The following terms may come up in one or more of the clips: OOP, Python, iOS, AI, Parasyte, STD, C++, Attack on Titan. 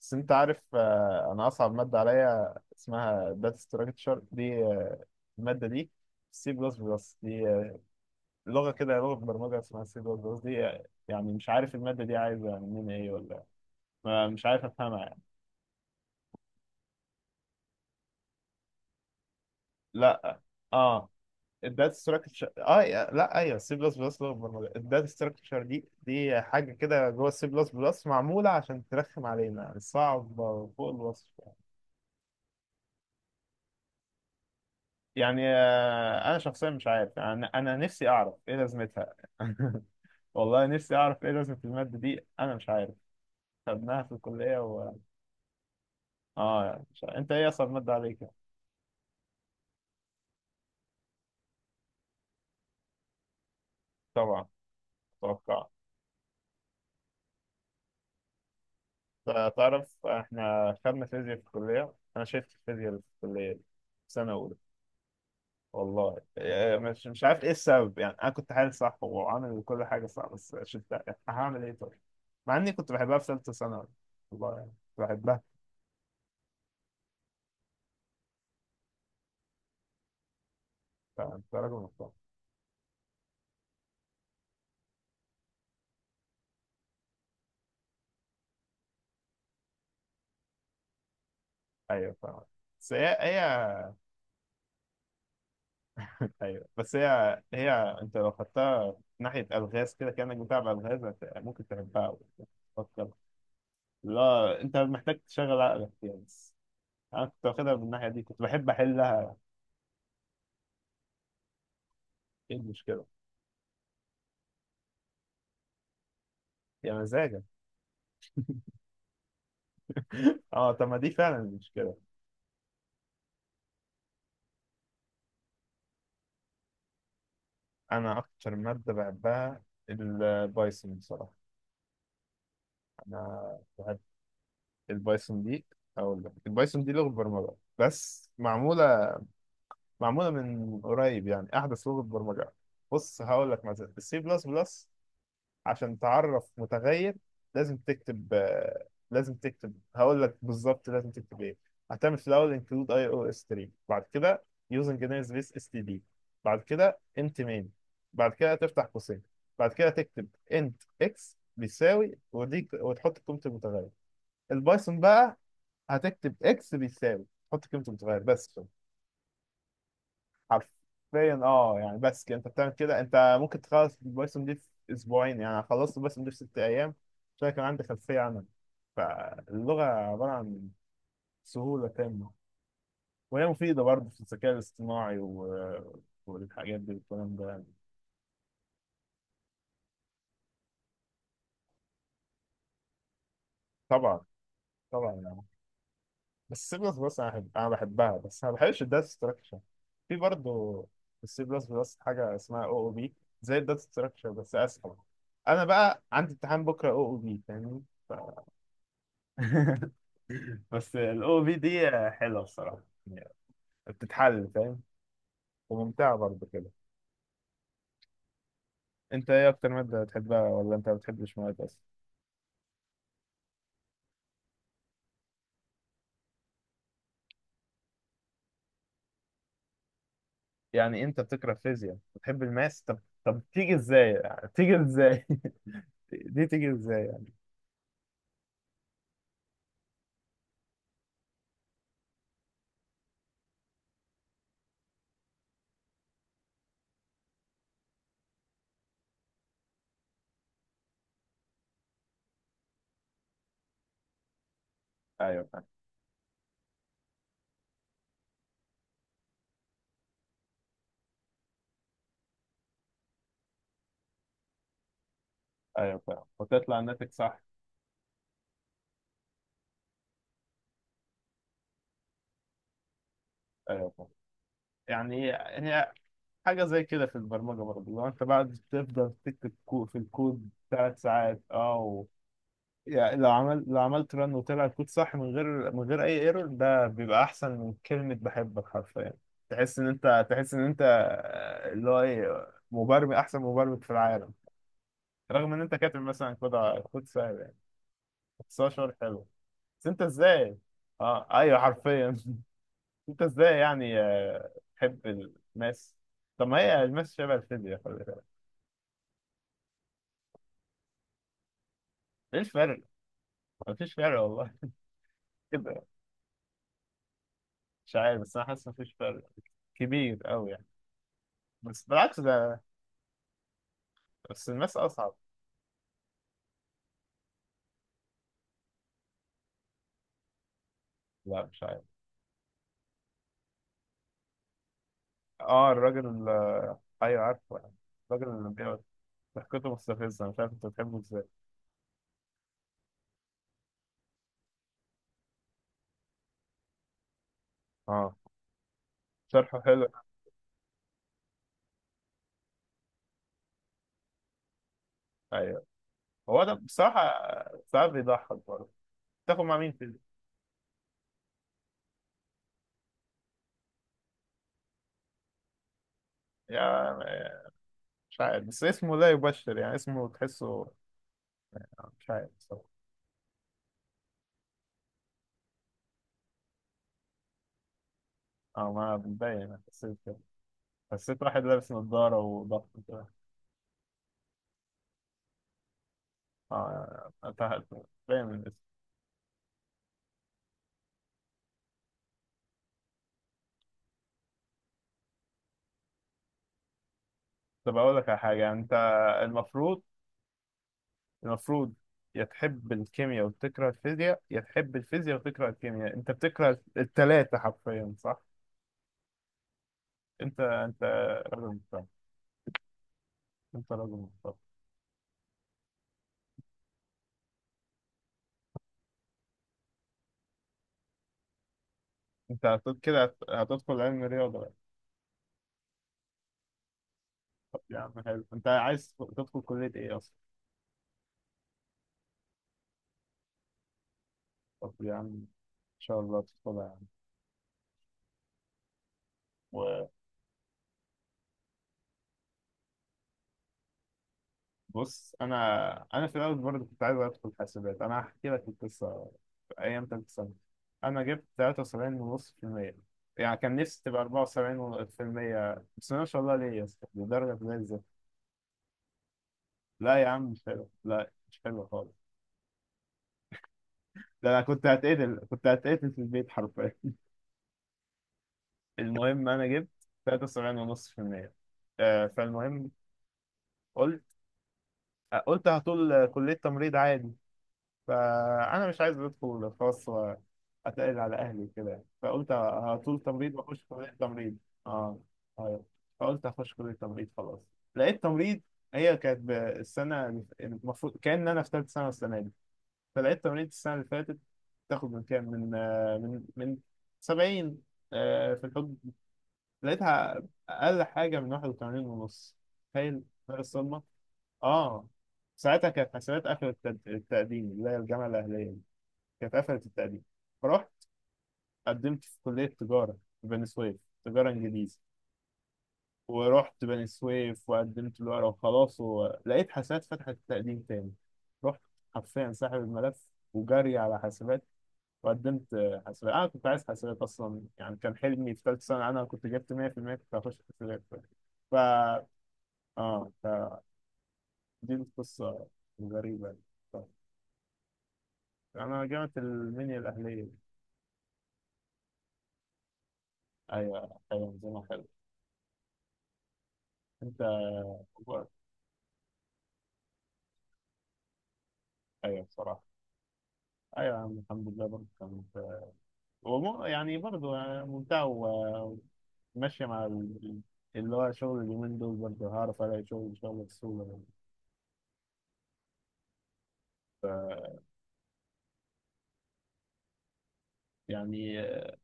بس انت عارف انا اصعب ماده عليا اسمها داتا ستراكشر دي الماده دي سي بلس بلس دي لغه كده لغه برمجه اسمها سي بلس بلس دي يعني مش عارف الماده دي عايزه مننا ايه، ولا مش عارف افهمها يعني. لا، اه. الداتا ستراكشر اه، لا، ايوه، سي بلس بلس لغه برمجه، الداتا ستراكشر دي حاجه كده جوه السي بلس بلس، معموله عشان ترخم علينا، صعبه فوق الوصف. يعني انا شخصيا مش عارف، انا نفسي اعرف ايه لازمتها. والله نفسي اعرف ايه لازمة المادة دي، انا مش عارف. خدناها في الكلية و اه، مش عارف. انت ايه اصعب مادة عليك؟ طبعا. اتوقع. تعرف احنا خدنا فيزياء في الكلية، انا شفت الفيزياء اللي في الكلية دي في سنة اولى. والله مش عارف ايه السبب يعني، انا كنت حالي صح وعامل كل حاجة صح بس شفتها. هعمل ايه طيب؟ مع اني كنت بحبها في ثالثة ثانوي، والله يعني، كنت بحبها. فانت راجل محترم. ايوه فاهم. بس هي هي. ايوه بس هي هي. انت لو خدتها ناحيه الغاز كده كانك بتلعب الغاز، ممكن تحبها أوي. تفكر. لا، انت محتاج تشغل عقلك فيها بس. انا كنت واخدها من الناحيه دي، كنت بحب احلها. ايه المشكله؟ يا مزاجك. اه، طب ما دي فعلا المشكله. انا اكتر ماده بحبها البايثون بصراحه. انا بحب البايثون دي. اقول لك، البايثون دي لغه برمجه بس معموله، معموله من قريب، يعني احدث لغه برمجه. بص، هقول لك مثلا السي بلس بلس، عشان تعرف متغير لازم تكتب لازم تكتب، هقول لك بالظبط لازم تكتب ايه. هتعمل في الاول include اي او اس 3، بعد كده using نيرز بيس اس تي دي، بعد كده انت مين، بعد كده تفتح قوسين، بعد كده تكتب انت اكس بيساوي ودي وتحط قيمه المتغير. البايثون بقى، هتكتب اكس بيساوي، تحط قيمه المتغير بس. حرفيا اه، يعني بس كده انت بتعمل كده. انت ممكن تخلص البايثون دي في اسبوعين، يعني أنا خلصت البايثون دي في 6 ايام عشان كان عندي خلفيه عنها. فاللغه عباره عن سهوله تامه، وهي مفيده برضه في الذكاء الاصطناعي و... والحاجات دي والكلام ده يعني. طبعا، طبعا يعني. بس السي بلس بلس انا أنا بحبها، بس انا ما بحبش الداتا ستراكشر. في برضه السي بلس بلس حاجه اسمها او او بي، زي الداتا ستراكشر بس اسهل. انا بقى عندي امتحان بكره او او بي، فاهمني. بس الاو بي دي حلوه بصراحه يعني، بتتحل فاهم. وممتعه برضه كده. انت ايه اكتر ماده بتحبها، ولا انت ما بتحبش مواد اصلا؟ يعني انت بتكره فيزياء بتحب الماس؟ طب. طب تيجي ازاي؟ يعني تيجي ازاي؟ دي تيجي ازاي يعني؟ ايوه فاهم. ايوه فاهم، وتطلع الناتج صح. ايوه فاهم. يعني هي حاجه زي كده في البرمجه برضه، لو انت بعد تفضل تكتب في الكود 3 ساعات اه، يعني لو عملت رن وطلع الكود صح من غير من غير اي ايرور، ده بيبقى احسن من كلمة بحبك حرفيا. تحس ان انت اللي هو ايه، مبرمج، احسن مبرمج في العالم. رغم ان انت كاتب مثلا كود كود سهل يعني، بس هو شعور حلو. بس انت ازاي. اه ايوه حرفيا. انت ازاي يعني تحب الماس؟ طب ما هي الماس شبه الفيزياء، خلي بالك. ايه الفرق؟ مفيش فرق والله. كده، مش عارف بس انا حاسس مفيش فرق كبير قوي يعني. بس بالعكس ده، بس الماس أصعب. لا مش عارف. اه الراجل، أيوه عارفه يعني. الراجل اللي بيقعد ضحكته مستفزة، مش عارف أنت بتحبه إزاي. اه، شرحه حلو. أيوه هو ده بصراحة. ساعات بيضحك برضه. تاخد مع مين فيلم؟ يا، مش عارف بس اسمه لا يبشر يعني، اسمه تحسه، مش عارف بصراحة. اه ما بتضايق، أنا حسيت كده. حسيت واحد لابس نظارة وضغط كده. اه أتهت. باين من الاسم. طب أقول لك على حاجة، أنت. المفروض، المفروض يا تحب الكيمياء وتكره الفيزياء يا تحب الفيزياء وتكره الكيمياء، انت بتكره التلاتة حرفيا صح؟ انت، انت راجل محترم، انت راجل محترم. انت كده هتدخل علم رياضة بقى؟ طب يا عم حلو، انت عايز تدخل كلية ايه اصلا؟ طب يا عم ان شاء الله تدخلها يا عم. بص، انا في الاول برضه كنت عايز ادخل حاسبات، انا هحكي لك القصه. في ايام تالتة سنه انا جبت 73.5%، يعني كان نفسي تبقى 74%. بس ما شاء الله، ليه يا اسطى، دي درجه زي الزفت. لا يا عم مش حلو، لا مش حلو خالص. ده انا كنت هتقتل في البيت حرفيا. المهم انا جبت 73.5%، فالمهم، قلت قلت هطول كليه تمريض عادي. فانا مش عايز ادخل خاص واتقل على اهلي وكده، فقلت هطول تمريض واخش كليه تمريض. اه ايوه، فقلت هخش كليه تمريض خلاص. لقيت تمريض، هي كانت السنه يعني المفروض كان انا في ثالث سنه السنه دي، فلقيت تمريض السنه اللي فاتت تاخد من كام، من من 70، في الحب لقيتها اقل حاجه من 81 ونص، تخيل. غير الصدمه. اه، ساعتها كانت حسابات اخر التقديم اللي هي الجامعه الاهليه، كانت قفلت التقديم، فرحت قدمت في كلية تجارة في بني سويف، تجارة إنجليزي، ورحت بني سويف وقدمت الورقة وخلاص، ولقيت حاسبات فتحت تقديم تاني. رحت، حرفيا ساحب الملف وجري على حاسبات، وقدمت حاسبات. أنا كنت عايز حاسبات أصلا يعني، كان حلمي في ثالثة سنة أنا كنت جبت 100%، كنت هخش حاسبات. ف آه فدي القصة الغريبة. طب، أنا جامعة المنيا الأهلية. أيوة، أيوة نظامها حلو. أنت. أيوة بصراحة. ايوه يا عم الحمد لله، برضه كانت، ومو يعني برضه يعني ممتع وماشيه مع اللي هو شغل اليومين دول، برضه هعرف الاقي شغل ان شاء الله بسهوله. ف- يعني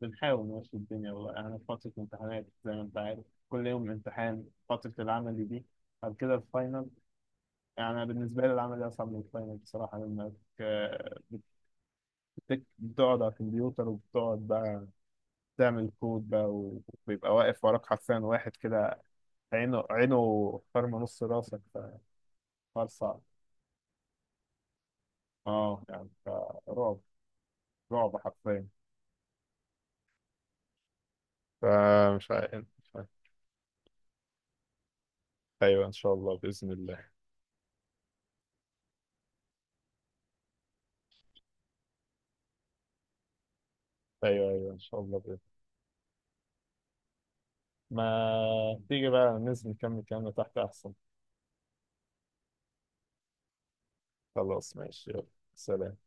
بنحاول نمشي الدنيا والله يعني. انا في فتره امتحانات زي ما انت عارف، كل يوم امتحان، فتره العمل دي، بعد كده الفاينل. يعني أنا بالنسبه لي العمل اصعب من الفاينل بصراحه، لانك آه، بتقعد على الكمبيوتر وبتقعد بقى تعمل كود بقى، وبيبقى واقف وراك حرفيا واحد كده، عينه عينه خرم نص راسك، فحوار صعب. اه يعني، فرعب، رعب حرفيا. فمش عارف، مش عارف. ايوه ان شاء الله باذن الله. ايوه ايوه ان شاء الله باذن. ما تيجي بقى ننزل نكمل كلامنا تحت احسن؟ خلاص ماشي يلا، سلام.